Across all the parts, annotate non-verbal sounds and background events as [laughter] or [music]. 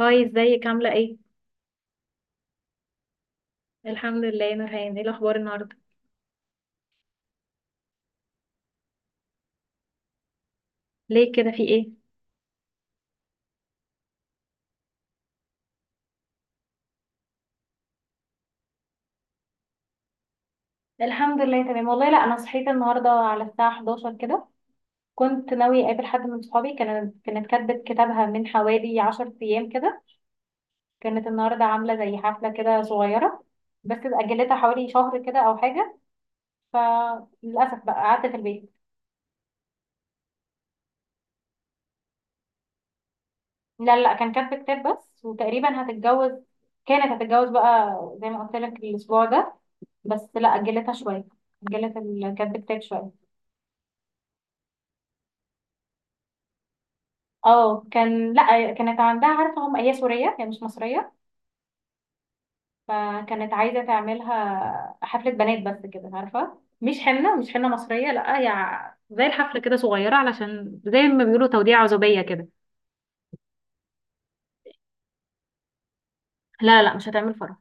هاي، ازيك؟ عاملة ايه؟ الحمد لله. نورهان، ايه الأخبار النهاردة؟ ليه كده، في ايه؟ الحمد لله تمام والله. لا انا صحيت النهارده على الساعه 11 كده. كنت ناويه اقابل حد من صحابي. كانت كاتبه كتابها من حوالي 10 ايام كده. كانت النهارده عامله زي حفله كده صغيره، بس اجلتها حوالي شهر كده او حاجه. فللاسف بقى قعدت في البيت. لا لا، كان كاتبه كتاب بس، وتقريبا هتتجوز. كانت هتتجوز بقى زي ما قلت لك الاسبوع ده، بس لا اجلتها شويه. اجلت كاتبه كتاب شويه. اه كان، لا كانت عندها، عارفه هم هي سوريه، هي مش مصريه. فكانت عايزه تعملها حفله بنات بس كده، عارفه، مش حنه مصريه، لا هي زي الحفله كده صغيره، علشان زي ما بيقولوا توديع عزوبيه كده. لا لا، مش هتعمل فرح.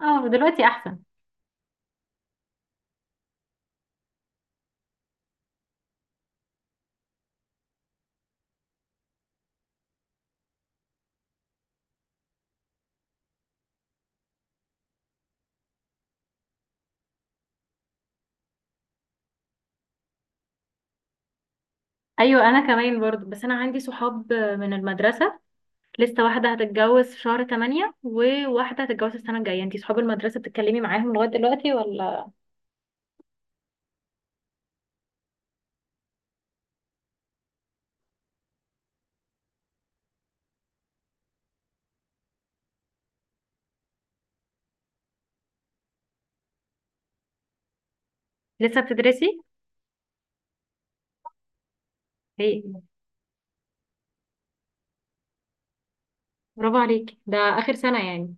اه دلوقتي احسن. ايوه انا كمان برضو. بس انا عندي صحاب من المدرسه، لسه واحده هتتجوز في شهر 8 وواحده هتتجوز السنه الجايه. انتي صحاب المدرسه بتتكلمي معاهم لغايه دلوقتي ولا؟ لسه بتدرسي؟ ايه؟ برافو عليكي، ده اخر سنه يعني.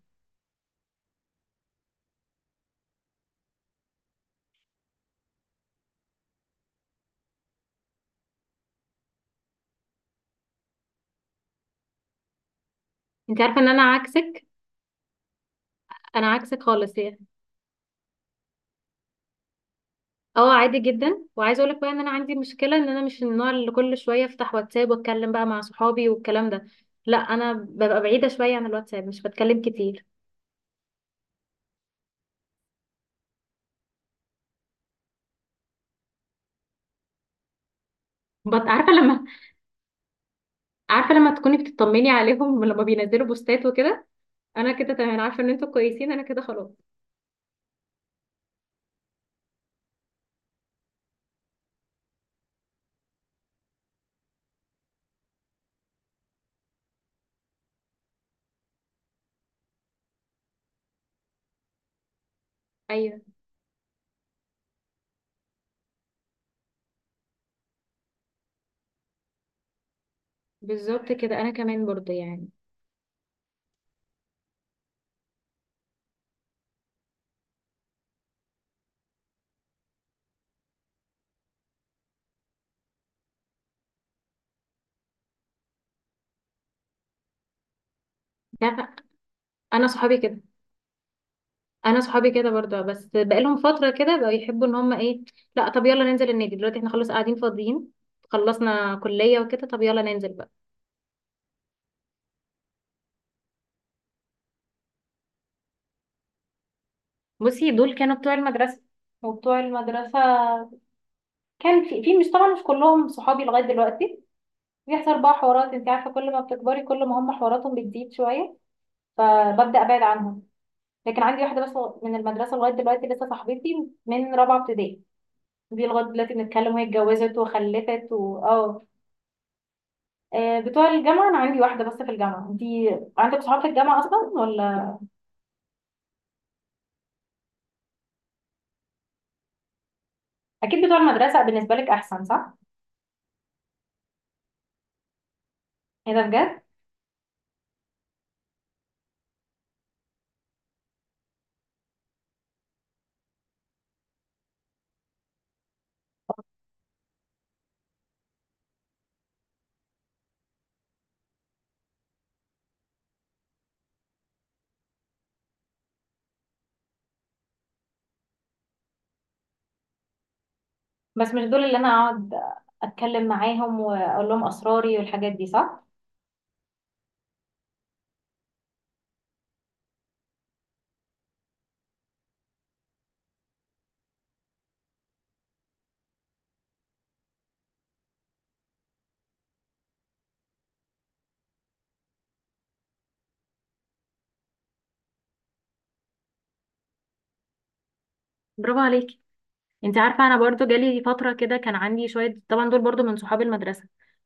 انت عارفه ان انا عكسك. انا عكسك خالص يعني. اه عادي جدا. وعايزه اقول لك بقى ان انا عندي مشكله، ان انا مش النوع اللي كل شويه افتح واتساب واتكلم بقى مع صحابي والكلام ده. لا انا ببقى بعيده شويه عن الواتساب، مش بتكلم كتير. عارفه لما [laughs] عارفه لما تكوني بتطمني عليهم [laughs] لما بينزلوا بوستات وكده، انا كده تمام. انا عارفه ان انتوا كويسين، انا كده خلاص. ايوه بالظبط كده، انا كمان برضه يعني. انت عارفه، انا صحابي كده، انا صحابي كده برضه. بس بقالهم فتره كده بقوا يحبوا ان هم ايه، لا طب يلا ننزل النادي دلوقتي، احنا خلاص قاعدين فاضيين، خلصنا كليه وكده، طب يلا ننزل بقى. بصي دول كانوا بتوع المدرسه، وبتوع المدرسه كان في مش، طبعا مش كلهم صحابي لغايه دلوقتي. بيحصل بقى حوارات، انت عارفه كل ما بتكبري كل ما هم حواراتهم بتزيد شويه، فببدا ابعد عنهم. لكن عندي واحده بس من المدرسه لغايه دلوقتي لسه صاحبتي من رابعه ابتدائي. دي لغايه دلوقتي بنتكلم، وهي اتجوزت وخلفت، واه آه، بتوع الجامعة أنا عندي واحدة بس في الجامعة. أنتي عندك صحاب في الجامعة أصلا ولا؟ أكيد بتوع المدرسة بالنسبة لك أحسن، صح؟ إيه ده بجد؟ بس مش دول اللي أنا أقعد أتكلم معاهم وأقول لهم أسراري والحاجات دي، صح؟ برافو عليكي. انت عارفه انا برضو جالي فتره كده، كان عندي شويه، طبعا دول برضو من صحاب المدرسه.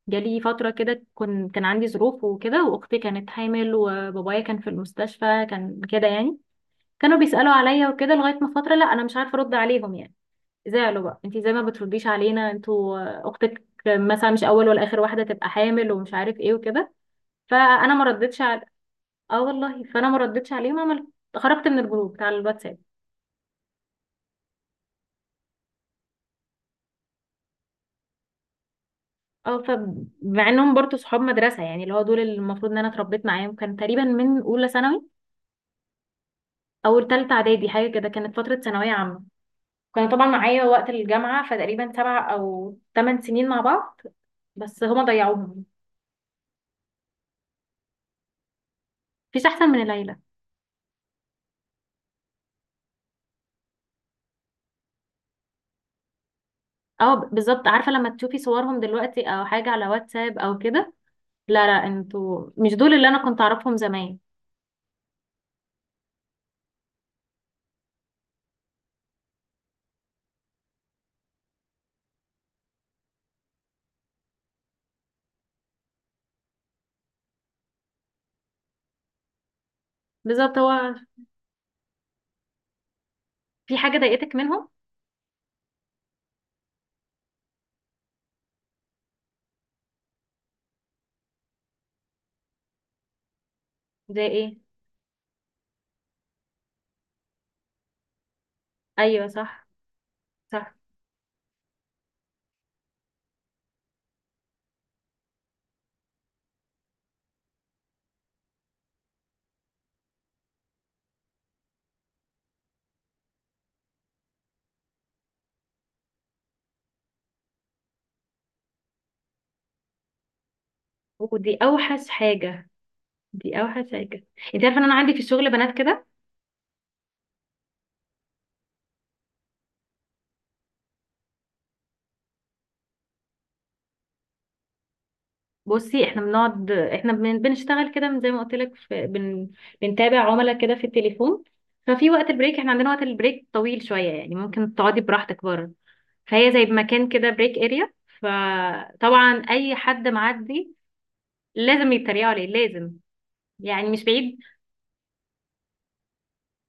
جالي فتره كده كان عندي ظروف وكده، واختي كانت حامل، وبابايا كان في المستشفى، كان كده يعني. كانوا بيسالوا عليا وكده لغايه ما فتره، لا انا مش عارفه ارد عليهم يعني. زعلوا بقى، انتي زي ما بترديش علينا، انتوا آه، اختك مثلا مش اول ولا اخر واحده تبقى حامل ومش عارف ايه وكده. فانا ما ردتش على، اه والله فانا ما ردتش عليهم. عملت، خرجت من الجروب بتاع الواتساب. اه فمع انهم برضو صحاب مدرسه، يعني اللي هو دول اللي المفروض ان انا اتربيت معاهم، كان تقريبا من اولى ثانوي او ثالثه اعدادي حاجه كده، كانت فتره ثانويه عامه. كانوا طبعا معايا وقت الجامعه، فتقريبا سبع او ثمان سنين مع بعض، بس هما ضيعوهم. مفيش احسن من العيله. اه بالظبط. عارفة لما تشوفي صورهم دلوقتي او حاجة على واتساب او كده، لا لا انتوا مش دول اللي انا كنت اعرفهم زمان. بالظبط هو. في حاجة ضايقتك منهم؟ زي ايه؟ ايوه صح. صح. ودي اوحش حاجة. دي اوحش حاجة. انت عارفة ان انا عندي في الشغل بنات كده. بصي احنا بنقعد، احنا بنشتغل كده من زي ما قلت لك بنتابع عملاء كده في التليفون. ففي وقت البريك، احنا عندنا وقت البريك طويل شوية، يعني ممكن تقعدي براحتك بره. فهي زي مكان كده بريك اريا. فطبعا اي حد معدي لازم يتريقوا عليه، لازم يعني، مش بعيد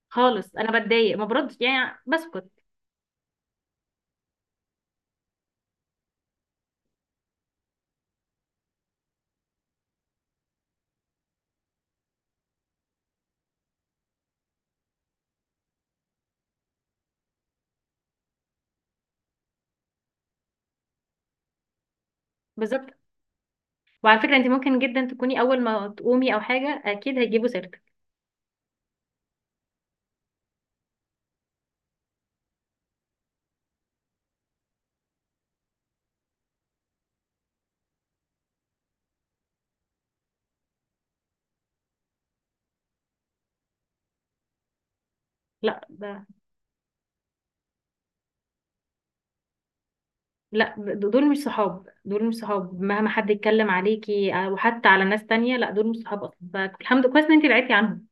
خالص. انا بتضايق، ما بردش يعني، بسكت. بالظبط. وعلى فكره انت ممكن جدا تكوني اول ما تقومي او حاجه اكيد هيجيبوا سيرتك. لا ده، لا دول مش صحاب. دول مش صحاب، مهما حد يتكلم عليكي او حتى على ناس تانية، لا دول مش صحاب اصلا. فالحمد لله كويس ان انت بعدتي عنهم.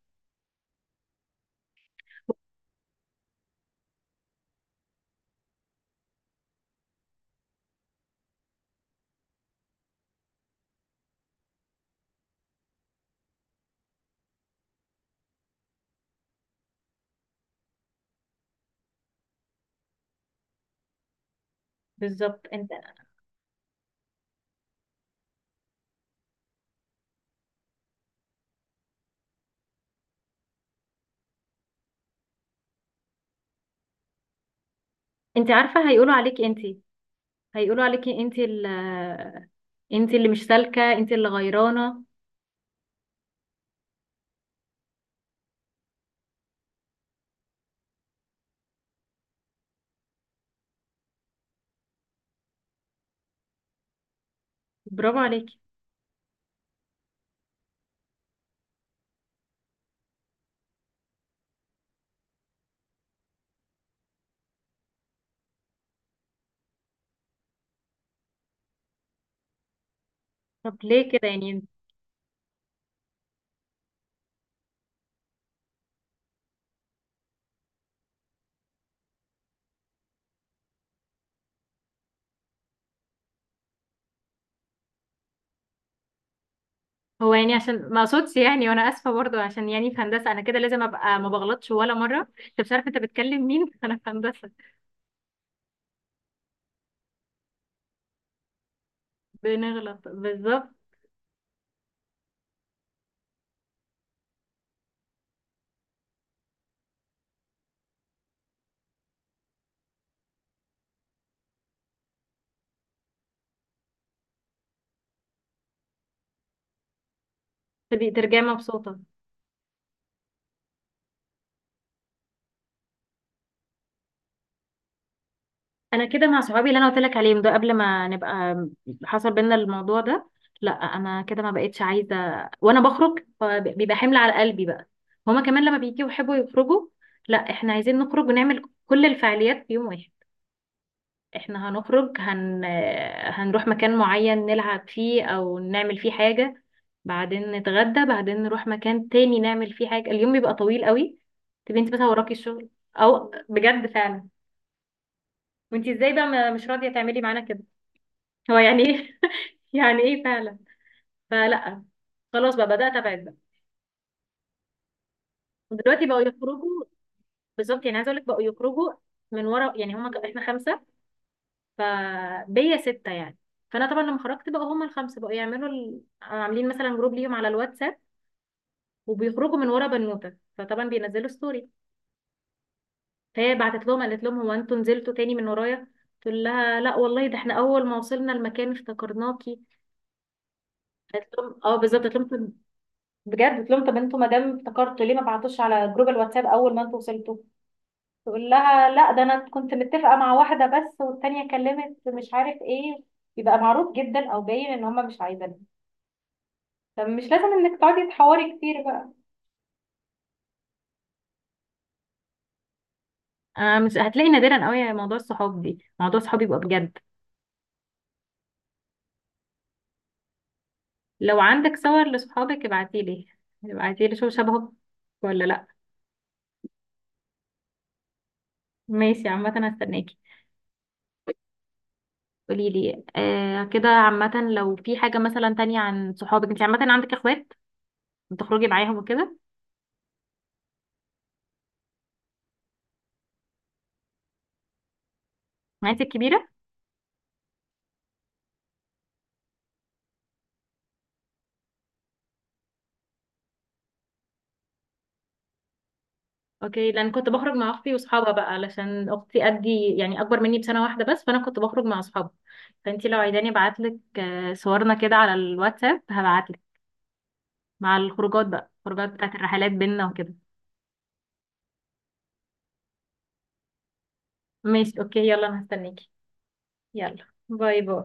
بالظبط. انت عارفه هيقولوا عليكي انت، هيقولوا عليكي انت ال، انت اللي مش سالكه، انت اللي غيرانه. برافو عليكي. طب ليه كده يعني؟ هو يعني عشان ما اقصدش يعني، وانا اسفه برضو، عشان يعني في هندسه، انا كده لازم ابقى ما بغلطش ولا مره. انت مش عارفه انت بتكلم مين [laughs] انا في هندسه. بنغلط بالظبط. تبقي ترجعي مبسوطه. انا كده مع صحابي اللي انا قلت لك عليهم ده، قبل ما نبقى حصل بينا الموضوع ده. لا انا كده ما بقتش عايزه، وانا بخرج بيبقى حمل على قلبي بقى. هما كمان لما بيجوا يحبوا يخرجوا، لا احنا عايزين نخرج ونعمل كل الفعاليات في يوم واحد. احنا هنخرج هنروح مكان معين نلعب فيه او نعمل فيه حاجه، بعدين نتغدى، بعدين نروح مكان تاني نعمل فيه حاجه. اليوم بيبقى طويل قوي، تبقي انت بس وراكي الشغل، او بجد فعلا. وانت ازاي بقى مش راضيه تعملي معانا كده؟ هو يعني ايه [laughs] يعني ايه فعلا. فلا خلاص بقى بدات ابعد بقى. ودلوقتي بقوا يخرجوا. بالظبط يعني، عايزه اقول لك بقوا يخرجوا من ورا يعني. هما احنا خمسه، فبيا سته يعني. فانا طبعا لما خرجت بقى، هما الخمسه بقوا يعملوا عاملين مثلا جروب ليهم على الواتساب، وبيخرجوا من ورا بنوته. فطبعا بينزلوا ستوري، فهي بعتت لهم قالت لهم هو انتوا نزلتوا تاني من ورايا؟ تقول لها لا والله، ده احنا اول ما وصلنا المكان افتكرناكي. قالت لهم اه بالظبط قالت لهم. بجد؟ قلت لهم طب انتوا ما دام افتكرتوا ليه ما بعتوش على جروب الواتساب اول ما انتوا وصلتوا؟ تقول لها لا ده انا كنت متفقه مع واحده بس، والتانيه كلمت مش عارف ايه. يبقى معروف جدا او باين ان هما مش عايزينها. طب مش لازم انك تقعدي تحوري كتير بقى. آه مش هتلاقي، نادرا قوي موضوع الصحاب دي، موضوع الصحاب يبقى بجد. لو عندك صور لصحابك ابعتيلي. ابعتيلي شوف شبهك ولا لا. ماشي، عامة هستناكي. قوليلي آه كده. عامة لو في حاجة مثلا تانية عن صحابك. انت عامة عندك اخوات بتخرجي معاهم وكده؟ معاكي الكبيرة؟ اوكي، لان كنت بخرج مع اختي واصحابها بقى، علشان اختي قدي يعني، اكبر مني بسنة واحدة بس، فانا كنت بخرج مع اصحابها. فانتي لو عايزاني ابعتلك آه، صورنا كده على الواتساب هبعتلك، مع الخروجات بقى، الخروجات بتاعت الرحلات بينا وكده. ماشي اوكي، يلا انا هستنيكي. يلا باي باي.